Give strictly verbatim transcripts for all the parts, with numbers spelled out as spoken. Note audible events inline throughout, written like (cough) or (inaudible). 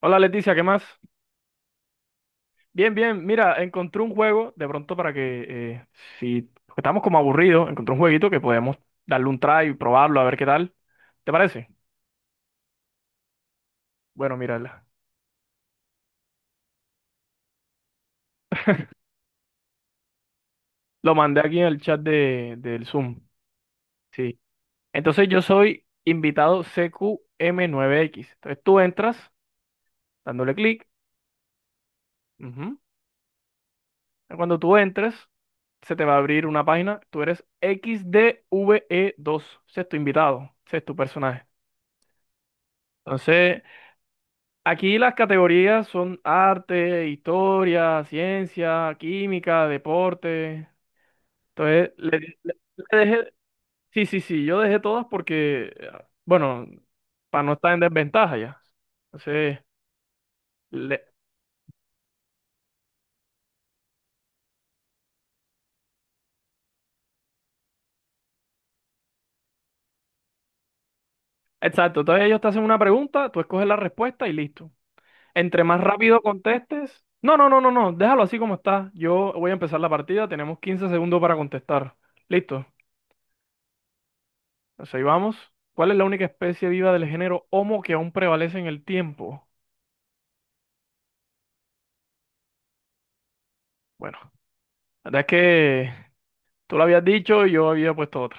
Hola, Leticia, ¿qué más? Bien, bien, mira, encontré un juego de pronto para que, eh, si porque estamos como aburridos, encontré un jueguito que podemos darle un try y probarlo a ver qué tal. ¿Te parece? Bueno, mira, la- lo mandé aquí en el chat de, del Zoom. Sí. Entonces yo soy invitado C Q M nueve X. Entonces tú entras dándole clic. Ujú. Cuando tú entres, se te va a abrir una página. Tú eres X D V E dos, sexto invitado, sexto personaje. Entonces. Aquí las categorías son arte, historia, ciencia, química, deporte. Entonces, le, le- le dejé, sí, sí, sí, yo dejé todas porque, bueno, para no estar en desventaja ya. Entonces, le- exacto, entonces ellos te hacen una pregunta, tú escoges la respuesta y listo. Entre más rápido contestes, no, no, no, no, no, déjalo así como está. Yo voy a empezar la partida, tenemos quince segundos para contestar. Listo. Entonces ahí vamos. ¿Cuál es la única especie viva del género Homo que aún prevalece en el tiempo? Bueno, la verdad es que tú lo habías dicho y yo había puesto otra.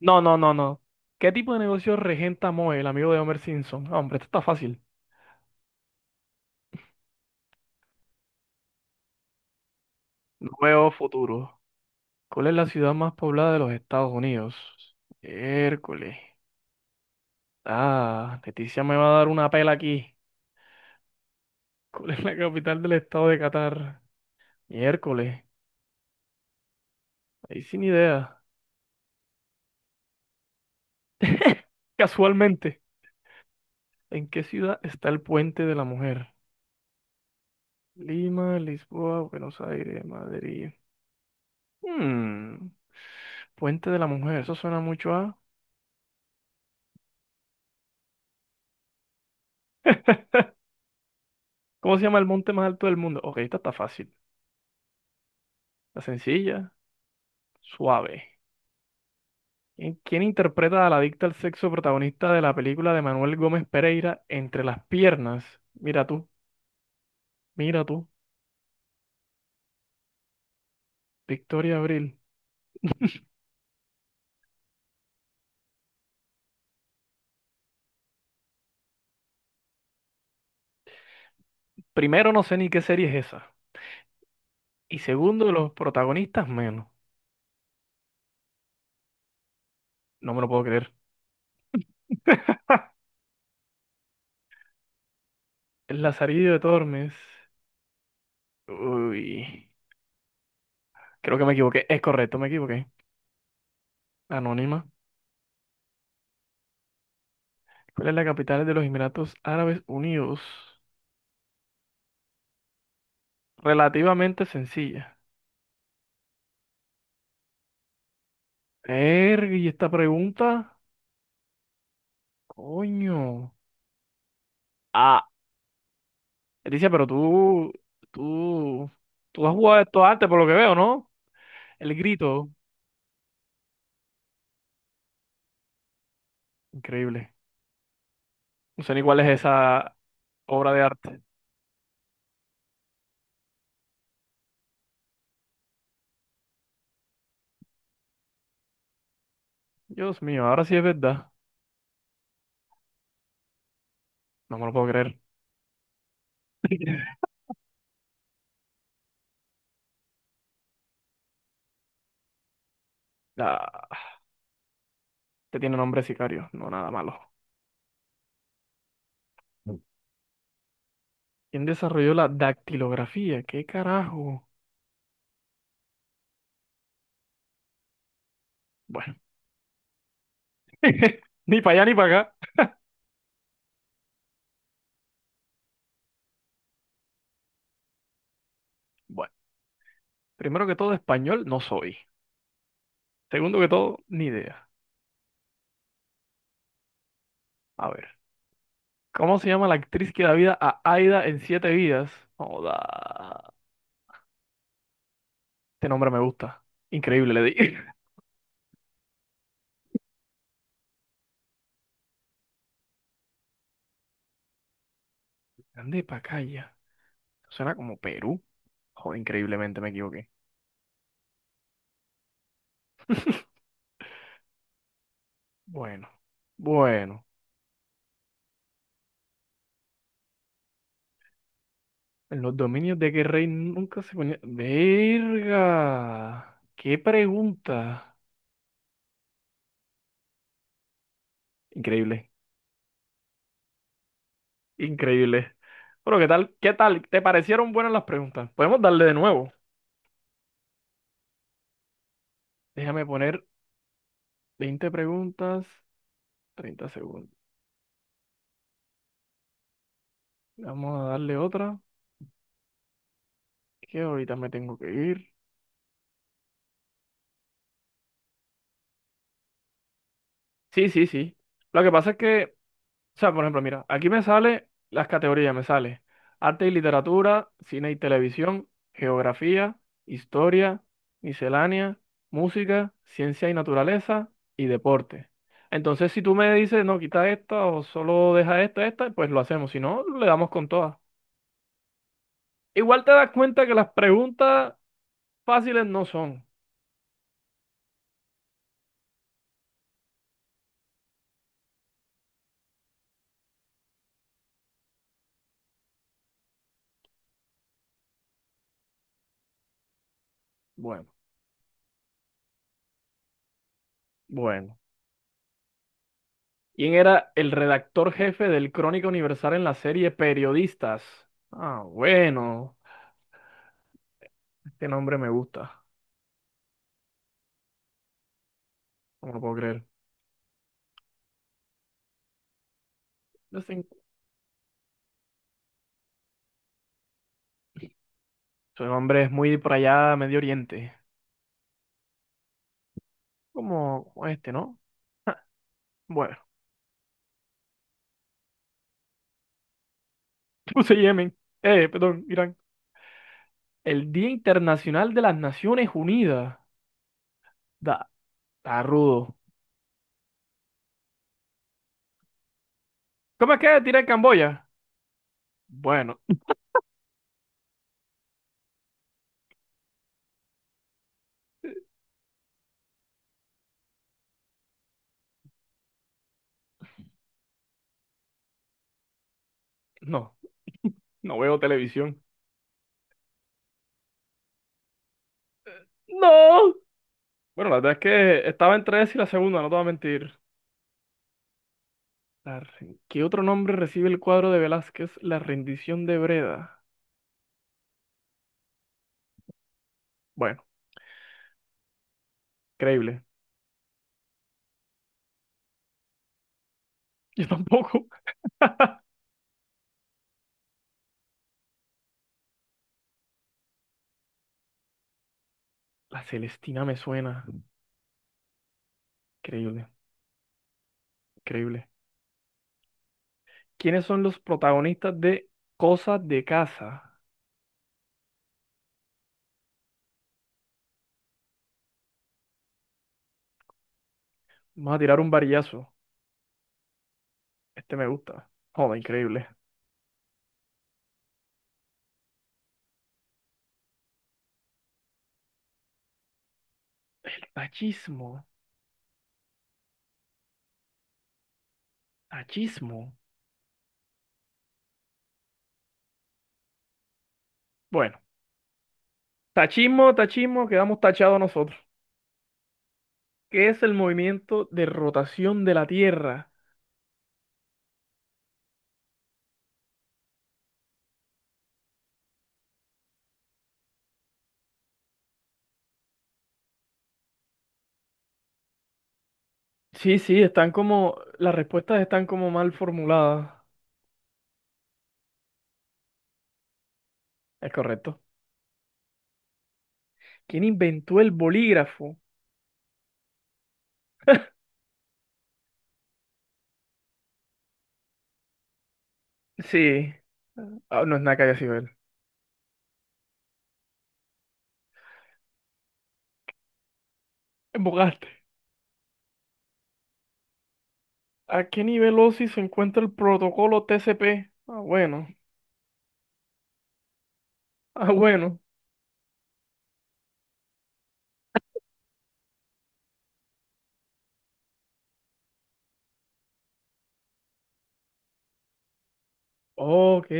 No, no, no, no. ¿Qué tipo de negocio regenta Moe, el amigo de Homer Simpson? No, hombre, esto está fácil. Nuevo futuro. ¿Cuál es la ciudad más poblada de los Estados Unidos? Hércules. Ah, Leticia me va a dar una pela aquí. ¿Cuál es la capital del estado de Qatar? Miércoles. Ahí sin idea. (laughs) Casualmente. ¿En qué ciudad está el Puente de la Mujer? Lima, Lisboa, Buenos Aires, Madrid. Hmm, Puente de la Mujer, eso suena mucho a. ¿Cómo se llama el monte más alto del mundo? Ok, esta está fácil. La sencilla, suave. ¿Quién quién interpreta a la adicta al sexo protagonista de la película de Manuel Gómez Pereira, Entre las piernas. Mira tú, mira tú, Victoria Abril. Primero, no sé ni qué serie es esa. Y segundo, los protagonistas menos. No me lo puedo creer. (laughs) El Lazarillo de Tormes. Uy, creo que me equivoqué. Es correcto, me equivoqué. Anónima. ¿Cuál es la capital de los Emiratos Árabes Unidos? Relativamente sencilla. Erg, y esta pregunta, coño. Ah, Leticia, pero tú, tú, tú has jugado esto antes, por lo que veo, ¿no? El grito. Increíble. No sé ni cuál es esa obra de arte. Dios mío, ahora sí es verdad. No me lo puedo creer. (laughs) La- Te tiene nombre de sicario, no nada malo. ¿Quién desarrolló la dactilografía? ¿Qué carajo? Bueno, (laughs) ni para allá ni para acá. Bueno, primero que todo, español no soy. Segundo que todo, ni idea. A ver, ¿cómo se llama la actriz que da vida a Aida en Siete Vidas? Joda. Este nombre me gusta. Increíble, le di. (laughs) Grande Pacaya. Suena como Perú. Joder, increíblemente me equivoqué. (laughs) Bueno, bueno. En los dominios de qué rey nunca se ponía. ¡Verga! ¡Qué pregunta! Increíble. Increíble. Bueno, ¿qué tal? ¿Qué tal? ¿Te parecieron buenas las preguntas? Podemos darle de nuevo. Déjame poner veinte preguntas, treinta segundos. Vamos a darle otra, que ahorita me tengo que ir. Sí, sí, sí. Lo que pasa es que, o sea, por ejemplo, mira, aquí me sale las categorías, me sale arte y literatura, cine y televisión, geografía, historia, miscelánea, música, ciencia y naturaleza y deporte. Entonces, si tú me dices, no, quita esta o solo deja esta, esta, pues lo hacemos, si no, le damos con todas. Igual te das cuenta que las preguntas fáciles no son. Bueno, bueno. ¿Quién era el redactor jefe del Crónica Universal en la serie Periodistas? Ah, bueno. Este nombre me gusta, no lo puedo creer. Yo sé- Su nombre es muy por allá, Medio Oriente. Como, como este, ¿no? (laughs) Bueno, (laughs) puse Yemen. Eh, perdón, Irán. El Día Internacional de las Naciones Unidas. Da, está rudo. ¿Cómo es que tiré Camboya? Bueno, (laughs) no, no veo televisión. ¡No! Bueno, la verdad es que estaba entre esa y la segunda, no te voy a mentir. La re- ¿Qué otro nombre recibe el cuadro de Velázquez? La rendición de Breda. Bueno, creíble. (laughs) Yo tampoco. La Celestina me suena. Increíble, increíble. ¿Quiénes son los protagonistas de Cosas de Casa? Vamos a tirar un varillazo. Este me gusta. Joder, increíble. Tachismo, tachismo. Bueno, tachismo, tachismo, quedamos tachados nosotros. ¿Qué es el movimiento de rotación de la Tierra? Sí, sí, están como, las respuestas están como mal formuladas. Es correcto. ¿Quién inventó el bolígrafo? Sí. Ah, no es nada que haya sido él. Embocaste. ¿A qué nivel O S I se encuentra el protocolo T C P? Ah, bueno. (laughs) Ah, bueno. Ok.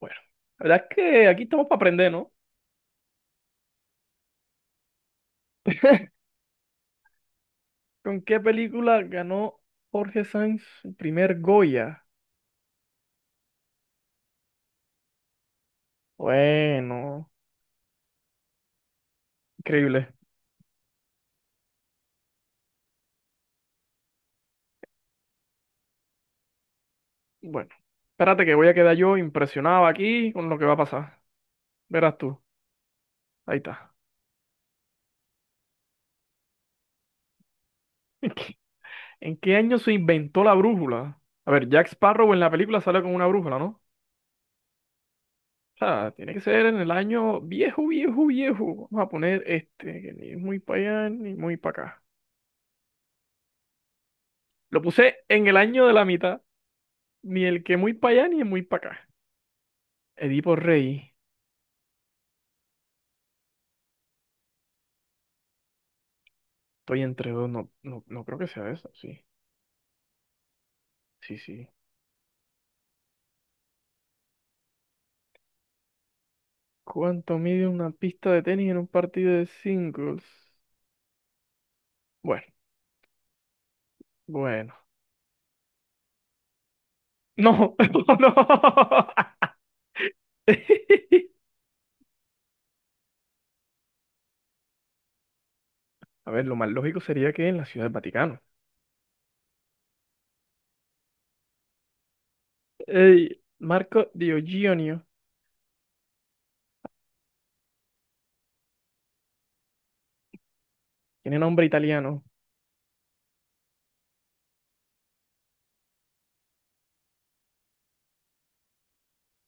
Bueno, la verdad es que aquí estamos para aprender, ¿no? ¿Con qué película ganó Jorge Sanz el primer Goya? Bueno, increíble. Bueno, espérate que voy a quedar yo impresionado aquí con lo que va a pasar. Verás tú. Ahí está. (laughs) ¿En qué año se inventó la brújula? A ver, Jack Sparrow en la película sale con una brújula, ¿no? O sea, tiene que ser en el año viejo, viejo, viejo. Vamos a poner este, que ni es muy para allá ni muy para acá. Lo puse en el año de la mitad, ni el que muy para allá ni el muy para acá. Edipo Rey, estoy entre dos, no, no, no creo que sea eso, sí, sí, sí. ¿Cuánto mide una pista de tenis en un partido de singles? Bueno, bueno. No, (laughs) no. A ver, lo más lógico sería que en la Ciudad del Vaticano. Ey, Marco Diogenio, tiene nombre italiano.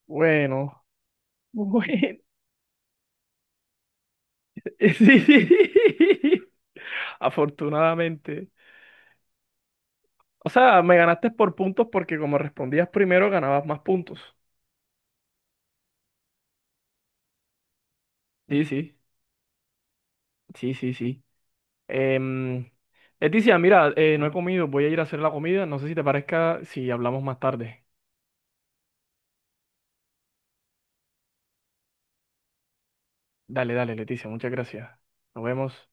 Bueno, bueno. (laughs) Sí. Sí. Afortunadamente. O sea, me ganaste por puntos porque como respondías primero, ganabas más puntos. Sí, sí, sí, sí, sí. Em, Leticia, mira, eh, no he comido, voy a ir a hacer la comida. No sé si te parezca si hablamos más tarde. Dale, dale, Leticia, muchas gracias. Nos vemos.